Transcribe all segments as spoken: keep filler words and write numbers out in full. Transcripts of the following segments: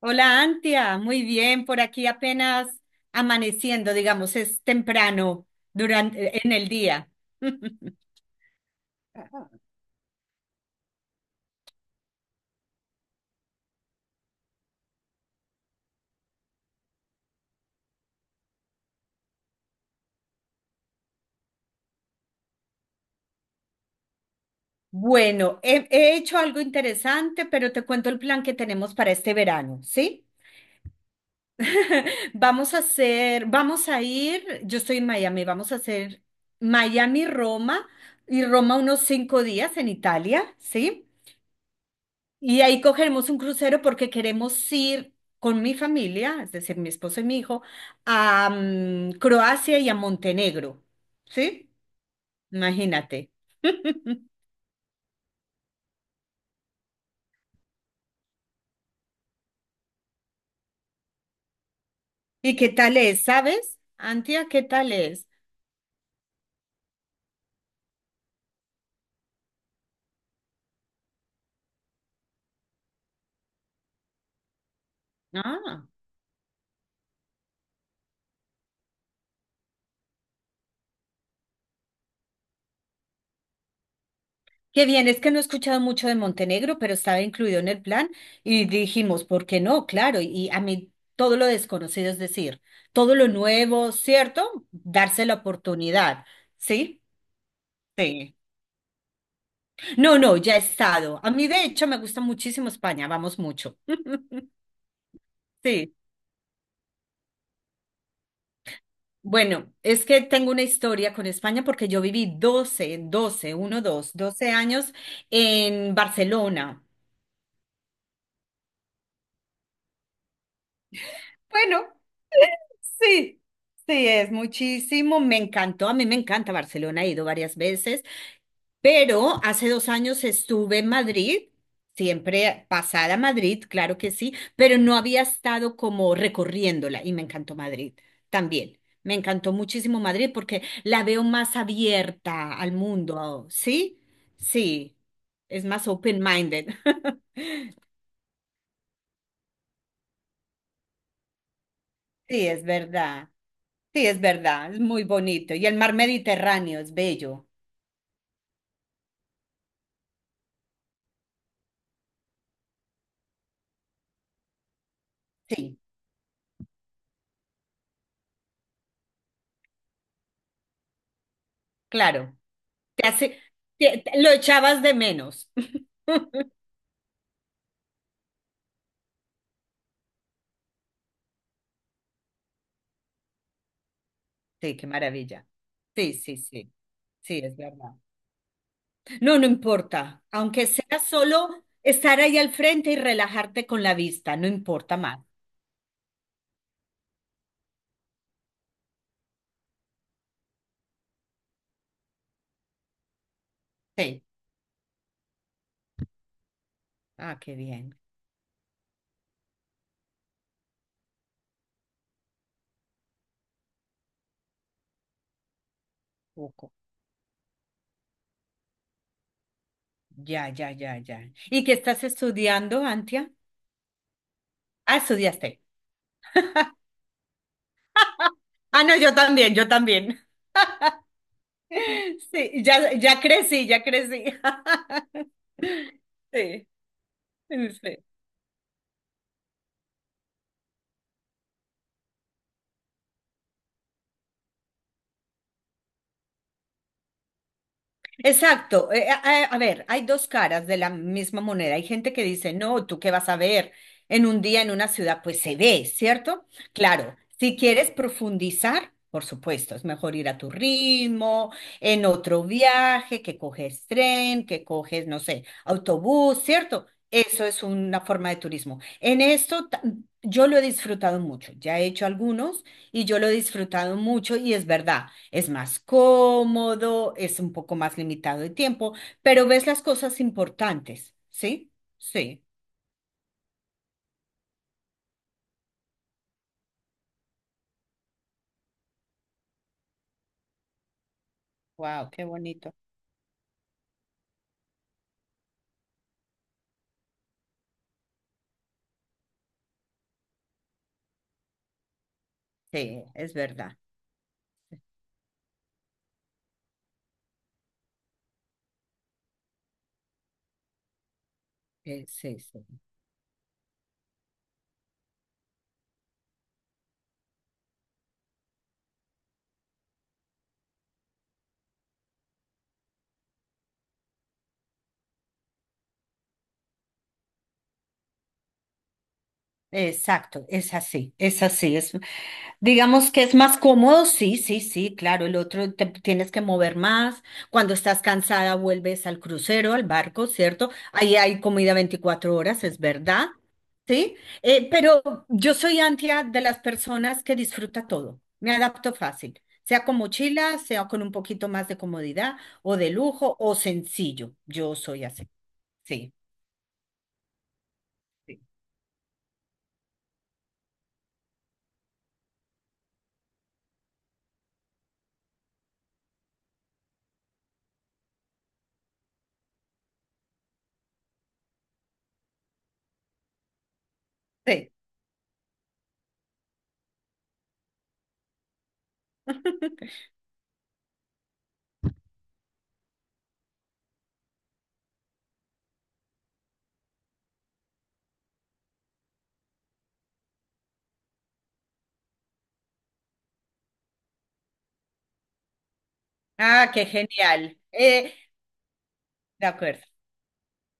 Hola, Antia. Muy bien, por aquí apenas amaneciendo, digamos, es temprano durante en el día. Bueno, he, he hecho algo interesante, pero te cuento el plan que tenemos para este verano, ¿sí? Vamos a hacer, vamos a ir, yo estoy en Miami, vamos a hacer Miami-Roma y Roma unos cinco días en Italia, ¿sí? Y ahí cogeremos un crucero porque queremos ir con mi familia, es decir, mi esposo y mi hijo, a mm, Croacia y a Montenegro. ¿Sí? Imagínate. ¿Y qué tal es? ¿Sabes? Antia, ¿qué tal es? Ah, qué bien, es que no he escuchado mucho de Montenegro, pero estaba incluido en el plan y dijimos, ¿por qué no? Claro, y a mí todo lo desconocido, es decir, todo lo nuevo, ¿cierto? Darse la oportunidad, ¿sí? Sí. No, no, ya he estado. A mí, de hecho, me gusta muchísimo España, vamos mucho. Sí. Bueno, es que tengo una historia con España porque yo viví doce, doce, uno, dos, doce años en Barcelona. Bueno, sí, sí, es muchísimo. Me encantó, a mí me encanta Barcelona, he ido varias veces, pero hace dos años estuve en Madrid, siempre pasada a Madrid, claro que sí, pero no había estado como recorriéndola y me encantó Madrid también. Me encantó muchísimo Madrid porque la veo más abierta al mundo, ¿sí? Sí, es más open-minded. Sí, es verdad. Sí, es verdad. Es muy bonito. Y el mar Mediterráneo es bello. Sí, claro. Te hace, te- te- lo echabas de menos. Sí, qué maravilla. Sí, sí, sí. Sí, es verdad. No, no importa. Aunque sea solo estar ahí al frente y relajarte con la vista, no importa más. Sí. Ah, qué bien. Poco. Ya, ya, ya, ya. ¿Y qué estás estudiando, Antia? Ah, estudiaste. Ah, no, yo también, yo también. Sí, ya, ya crecí, ya crecí. Sí, sí. Exacto. Eh, a, a- a ver, hay dos caras de la misma moneda. Hay gente que dice, no, ¿tú qué vas a ver en un día en una ciudad? Pues se ve, ¿cierto? Claro, si quieres profundizar, por supuesto, es mejor ir a tu ritmo, en otro viaje, que coges tren, que coges, no sé, autobús, ¿cierto? Eso es una forma de turismo. En esto ta- yo lo he disfrutado mucho, ya he hecho algunos y yo lo he disfrutado mucho y es verdad. Es más cómodo, es un poco más limitado de tiempo, pero ves las cosas importantes, ¿sí? Sí, wow, qué bonito. Sí, es verdad. Eh, sí, sí. Exacto, es así, es así. Es, digamos que es más cómodo, sí, sí, sí, claro. El otro te tienes que mover más. Cuando estás cansada, vuelves al crucero, al barco, ¿cierto? Ahí hay comida veinticuatro horas, es verdad. ¿Sí? Eh, pero yo soy antia de las personas que disfruta todo. Me adapto fácil, sea con mochila, sea con un poquito más de comodidad o de lujo o sencillo. Yo soy así. Sí, sí, sí. Ah, qué genial. Eh, de acuerdo.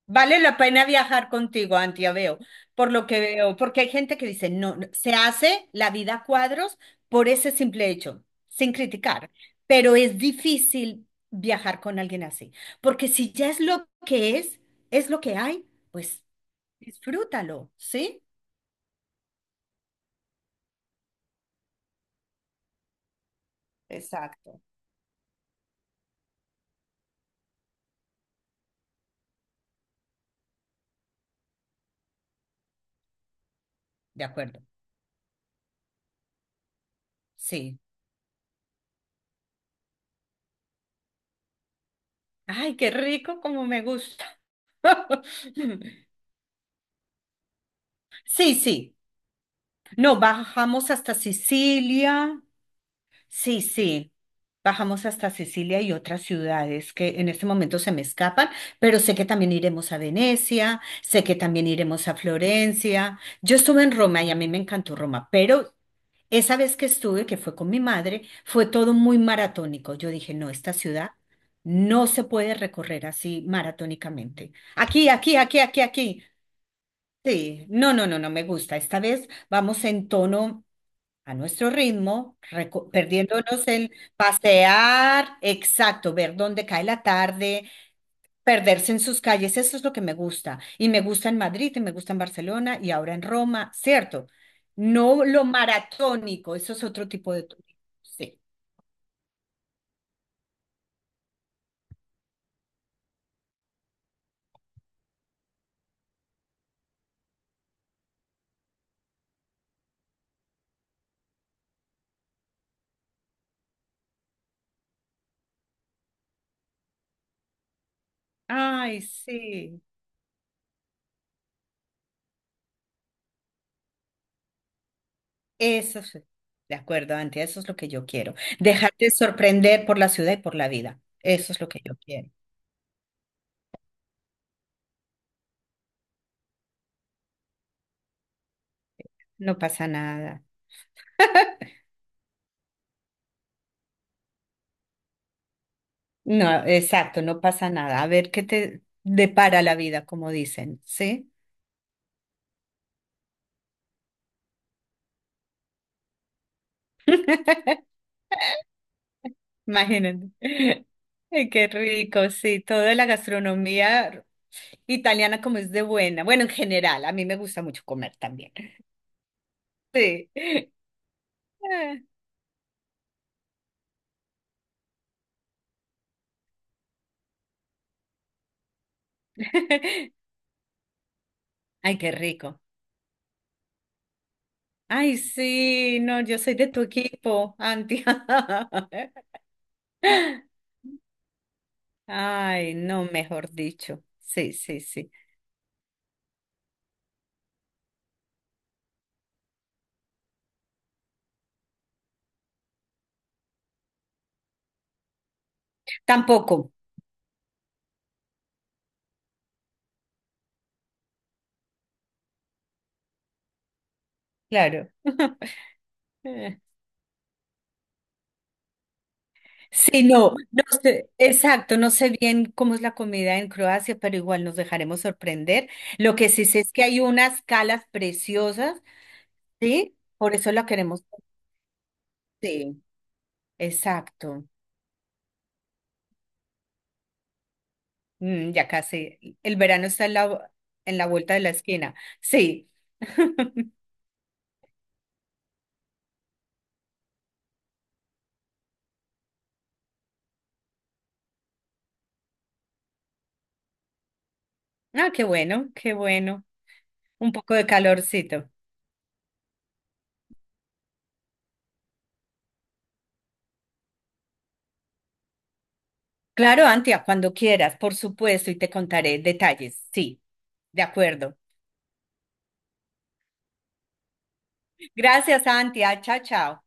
Vale la pena viajar contigo, Antia, veo, por lo que veo, porque hay gente que dice, no, no, se hace la vida a cuadros por ese simple hecho, sin criticar, pero es difícil viajar con alguien así, porque si ya es lo que es, es lo que hay, pues disfrútalo, ¿sí? Exacto. De acuerdo, sí. Ay, qué rico, como me gusta. Sí, sí. No, bajamos hasta Sicilia. Sí, sí. Bajamos hasta Sicilia y otras ciudades que en este momento se me escapan, pero sé que también iremos a Venecia, sé que también iremos a Florencia. Yo estuve en Roma y a mí me encantó Roma, pero esa vez que estuve, que fue con mi madre, fue todo muy maratónico. Yo dije, no, esta ciudad no se puede recorrer así maratónicamente. Aquí, aquí, aquí, aquí, aquí. Sí, no, no, no, no me gusta. Esta vez vamos en tono a nuestro ritmo, reco- perdiéndonos el pasear, exacto, ver dónde cae la tarde, perderse en sus calles, eso es lo que me gusta. Y me gusta en Madrid, y me gusta en Barcelona, y ahora en Roma, ¿cierto? No lo maratónico, eso es otro tipo de turismo. Sí. Ay, sí, eso es. De acuerdo, Antia, eso es lo que yo quiero. Dejarte sorprender por la ciudad y por la vida. Eso es lo que yo quiero. No pasa nada. No, exacto, no pasa nada. A ver qué te depara la vida, como dicen, ¿sí? Imagínate. Ay, qué rico, sí, toda la gastronomía italiana como es de buena. Bueno, en general, a mí me gusta mucho comer también. Sí. Ay, qué rico. Ay, sí, no, yo soy de tu equipo, Antia. Ay, no, mejor dicho. Sí, sí, sí. Tampoco, claro. Sí, no, no sé, exacto, no sé bien cómo es la comida en Croacia, pero igual nos dejaremos sorprender. Lo que sí sé es que hay unas calas preciosas, ¿sí? Por eso la queremos. Sí, exacto. Mm, ya casi. El verano está en la, en la vuelta de la esquina. Sí. Ah, qué bueno, qué bueno. Un poco de calorcito. Claro, Antia, cuando quieras, por supuesto, y te contaré detalles. Sí, de acuerdo. Gracias, Antia. Chao, chao.